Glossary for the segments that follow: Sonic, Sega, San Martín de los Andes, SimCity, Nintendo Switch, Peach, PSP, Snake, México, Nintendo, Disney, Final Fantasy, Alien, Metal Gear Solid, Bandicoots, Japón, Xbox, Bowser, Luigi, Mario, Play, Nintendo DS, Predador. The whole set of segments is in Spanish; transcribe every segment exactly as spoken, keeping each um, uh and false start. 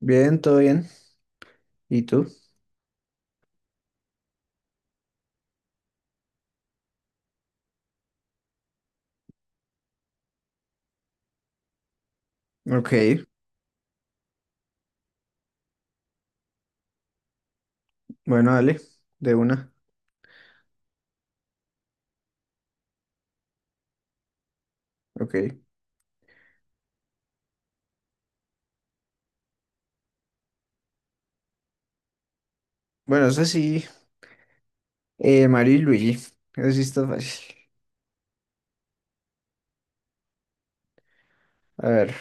Bien, todo bien. ¿Y tú? Ok, bueno, dale, de una. Ok. Bueno, eso sí, eh, Mario y Luigi. Eso sí está fácil. A ver,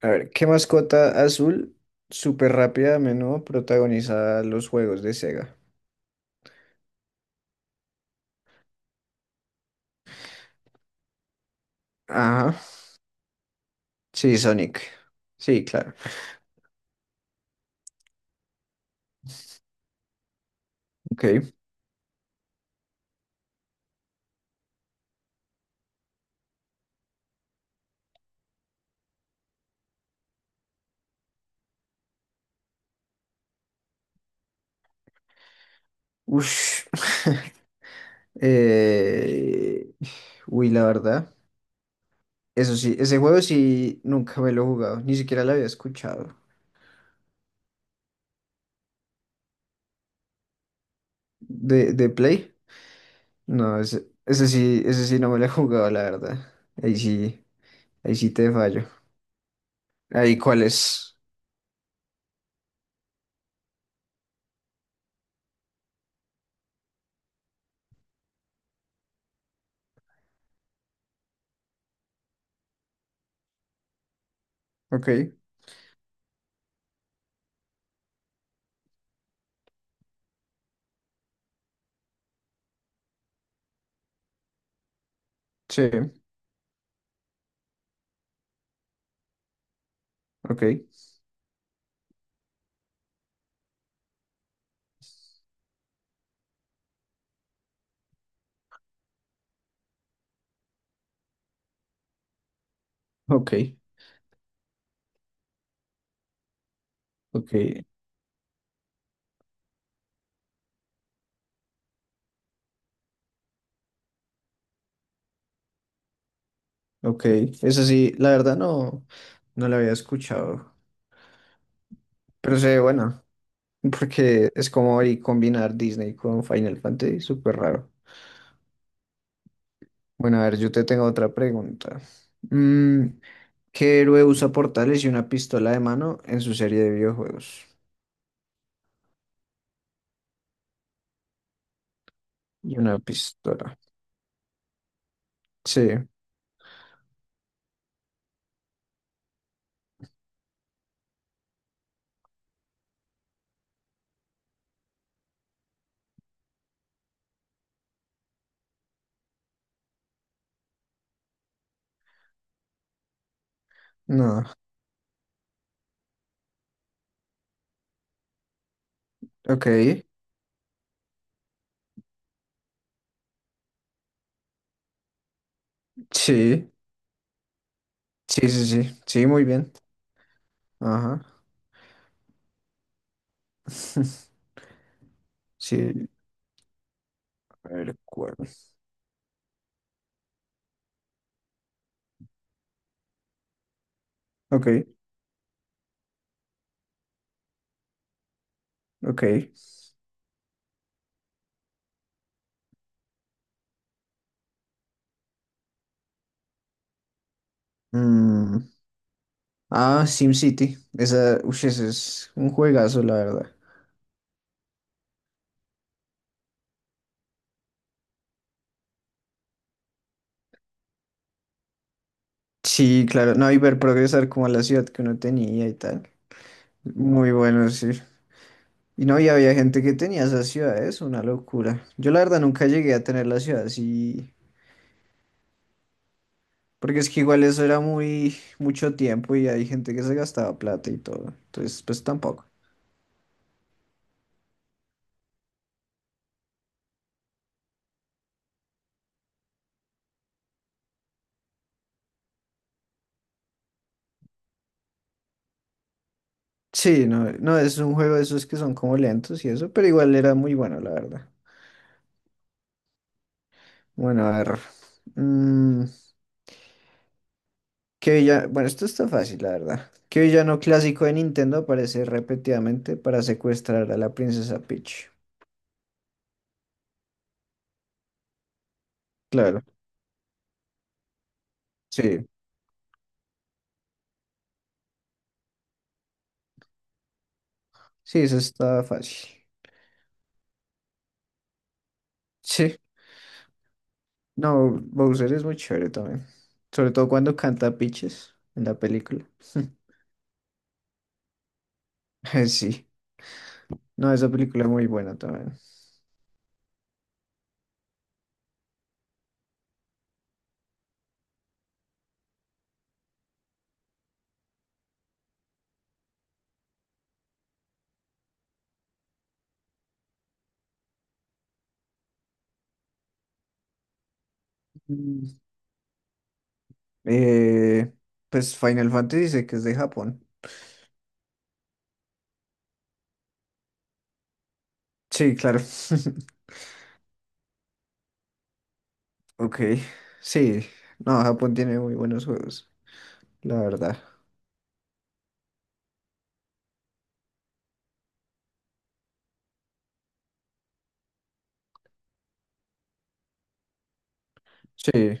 a ver, ¿qué mascota azul súper rápida a menudo protagoniza los juegos de Sega? Ajá, sí, Sonic. Sí, claro. Ok. Ush. Eh, Uy, la verdad. Eso sí, ese juego sí nunca me lo he jugado, ni siquiera lo había escuchado. ¿De, de Play? No, ese, ese sí, ese sí no me lo he jugado, la verdad. Ahí sí, ahí sí te fallo. Ahí, ¿cuál es? Ok, sí, ok, ok, ok, ok. Ese sí, la verdad no, no lo había escuchado. Pero se ve bueno, porque es como ahí combinar Disney con Final Fantasy, súper raro. Bueno, a ver, yo te tengo otra pregunta. Mm, ¿Qué héroe usa portales y una pistola de mano en su serie de videojuegos? Y una pistola. Sí, no. Ok, sí, sí, sí, sí, sí, muy bien. Ajá. Sí, el cuerno. Ok, ok. Mm, Ah, SimCity. Esa, uy, ese es un juegazo, la verdad. Sí, claro. No, y ver progresar como a la ciudad que uno tenía y tal. Muy bueno, sí. Y no, y había gente que tenía esas ciudades, una locura. Yo la verdad nunca llegué a tener las ciudades. Y porque es que igual eso era muy mucho tiempo y hay gente que se gastaba plata y todo. Entonces, pues tampoco. Sí, no, no, es un juego de esos que son como lentos y eso, pero igual era muy bueno, la verdad. Bueno, a ver. mm, ¿Qué villano? Bueno, esto está fácil, la verdad. ¿Qué villano clásico de Nintendo aparece repetidamente para secuestrar a la princesa Peach? Claro, sí, sí, eso está fácil. Sí, no, Bowser es muy chévere también. Sobre todo cuando canta Peaches en la película. Sí, no, esa película es muy buena también. Eh, pues Final Fantasy dice que es de Japón. Sí, claro. Ok, sí. No, Japón tiene muy buenos juegos, la verdad. Sí,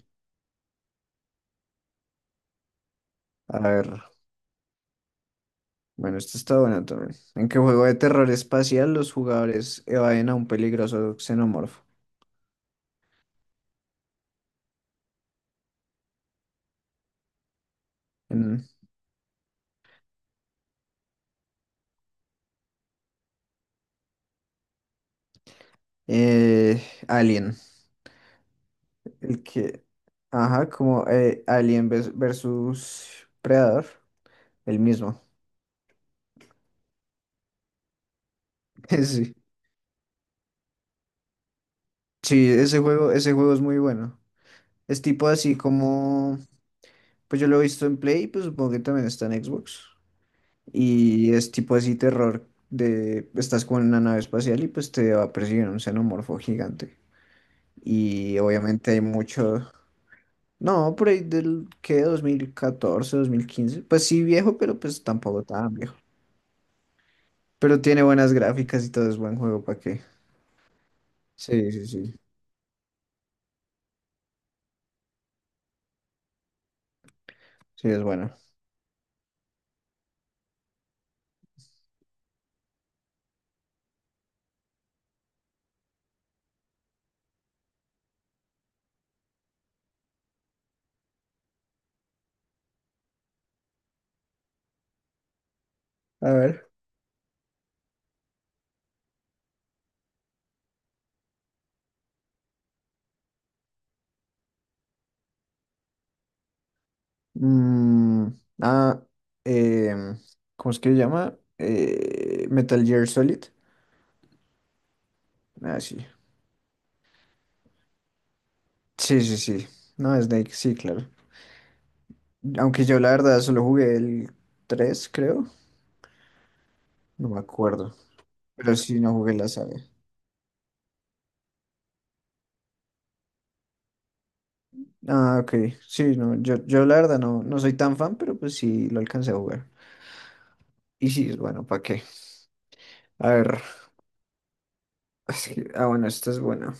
a ver. Bueno, esto está bueno también. ¿En qué juego de terror espacial los jugadores evaden a un peligroso xenomorfo? En, eh, Alien. El que... Ajá, como eh, Alien vers- versus Predador. El mismo. Sí. Sí, ese juego, ese juego es muy bueno. Es tipo así como... Pues yo lo he visto en Play, pues supongo que también está en Xbox. Y es tipo así terror de estás con una nave espacial y pues te va a perseguir un xenomorfo gigante. Y obviamente hay mucho... No, por ahí del que dos dos mil catorce dos mil quince. Pues sí viejo, pero pues tampoco tan viejo. Pero tiene buenas gráficas y todo es buen juego, ¿para qué? Sí, sí, sí. Sí, es bueno. A ver. mm, ah, em, ¿Cómo es que se llama? Eh, Metal Gear Solid. Ah, sí. Sí, sí, sí. No, Snake, sí, claro. Aunque yo la verdad solo jugué el tres creo. No me acuerdo. Pero sí, no jugué la saga. Ah, ok. Sí, no, yo, yo la verdad no, no soy tan fan, pero pues sí lo alcancé a jugar. Y sí, bueno, ¿para qué? A ver. es que- Ah, bueno, esta es buena.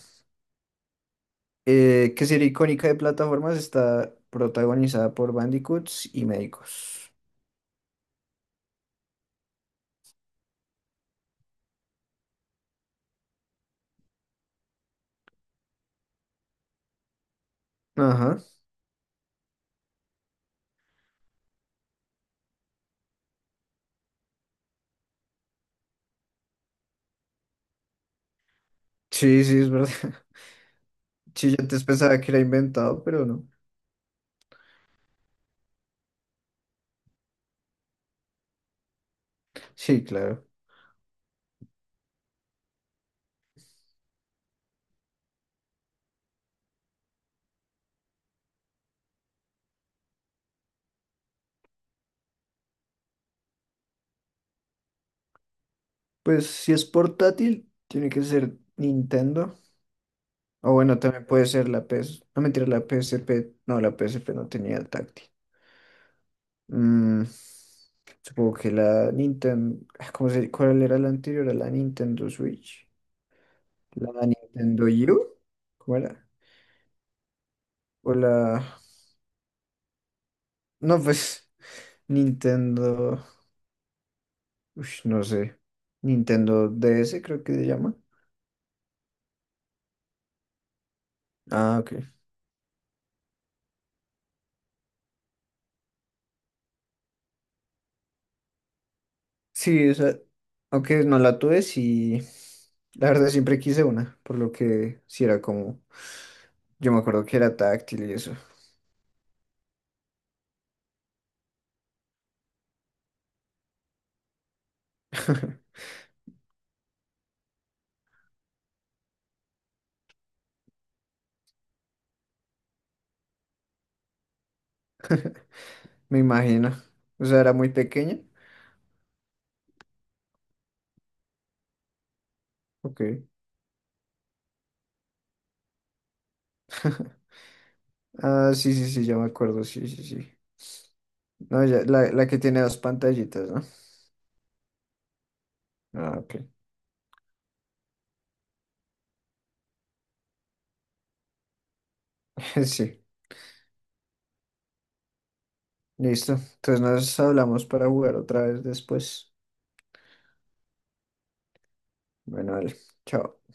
Eh, ¿qué serie icónica de plataformas está protagonizada por Bandicoots y médicos? Ajá. Sí, sí, es verdad. Sí, yo antes pensaba que era inventado, pero no. Sí, claro. Pues si es portátil, tiene que ser Nintendo. O bueno, también puede ser la P S. No mentira, la P S P. No, la P S P no tenía táctil. Mm, Supongo que la Nintendo. ¿Cómo se, cuál era la anterior? ¿A La Nintendo Switch? ¿La Nintendo U? ¿Cómo era? O la. No, pues. Nintendo. Ush, no sé. Nintendo D S, creo que se llama. Ah, ok. Sí, o sea, aunque no la tuve, sí, la verdad siempre quise una, por lo que sí era como, yo me acuerdo que era táctil y eso. Me imagino, o sea, era muy pequeña, ok, ah, sí, sí, sí, ya me acuerdo, sí, sí, sí, no, ya, la, la que tiene dos pantallitas, ¿no? Ah, ok, sí, listo, entonces nos hablamos para jugar otra vez después, bueno, vale, chao.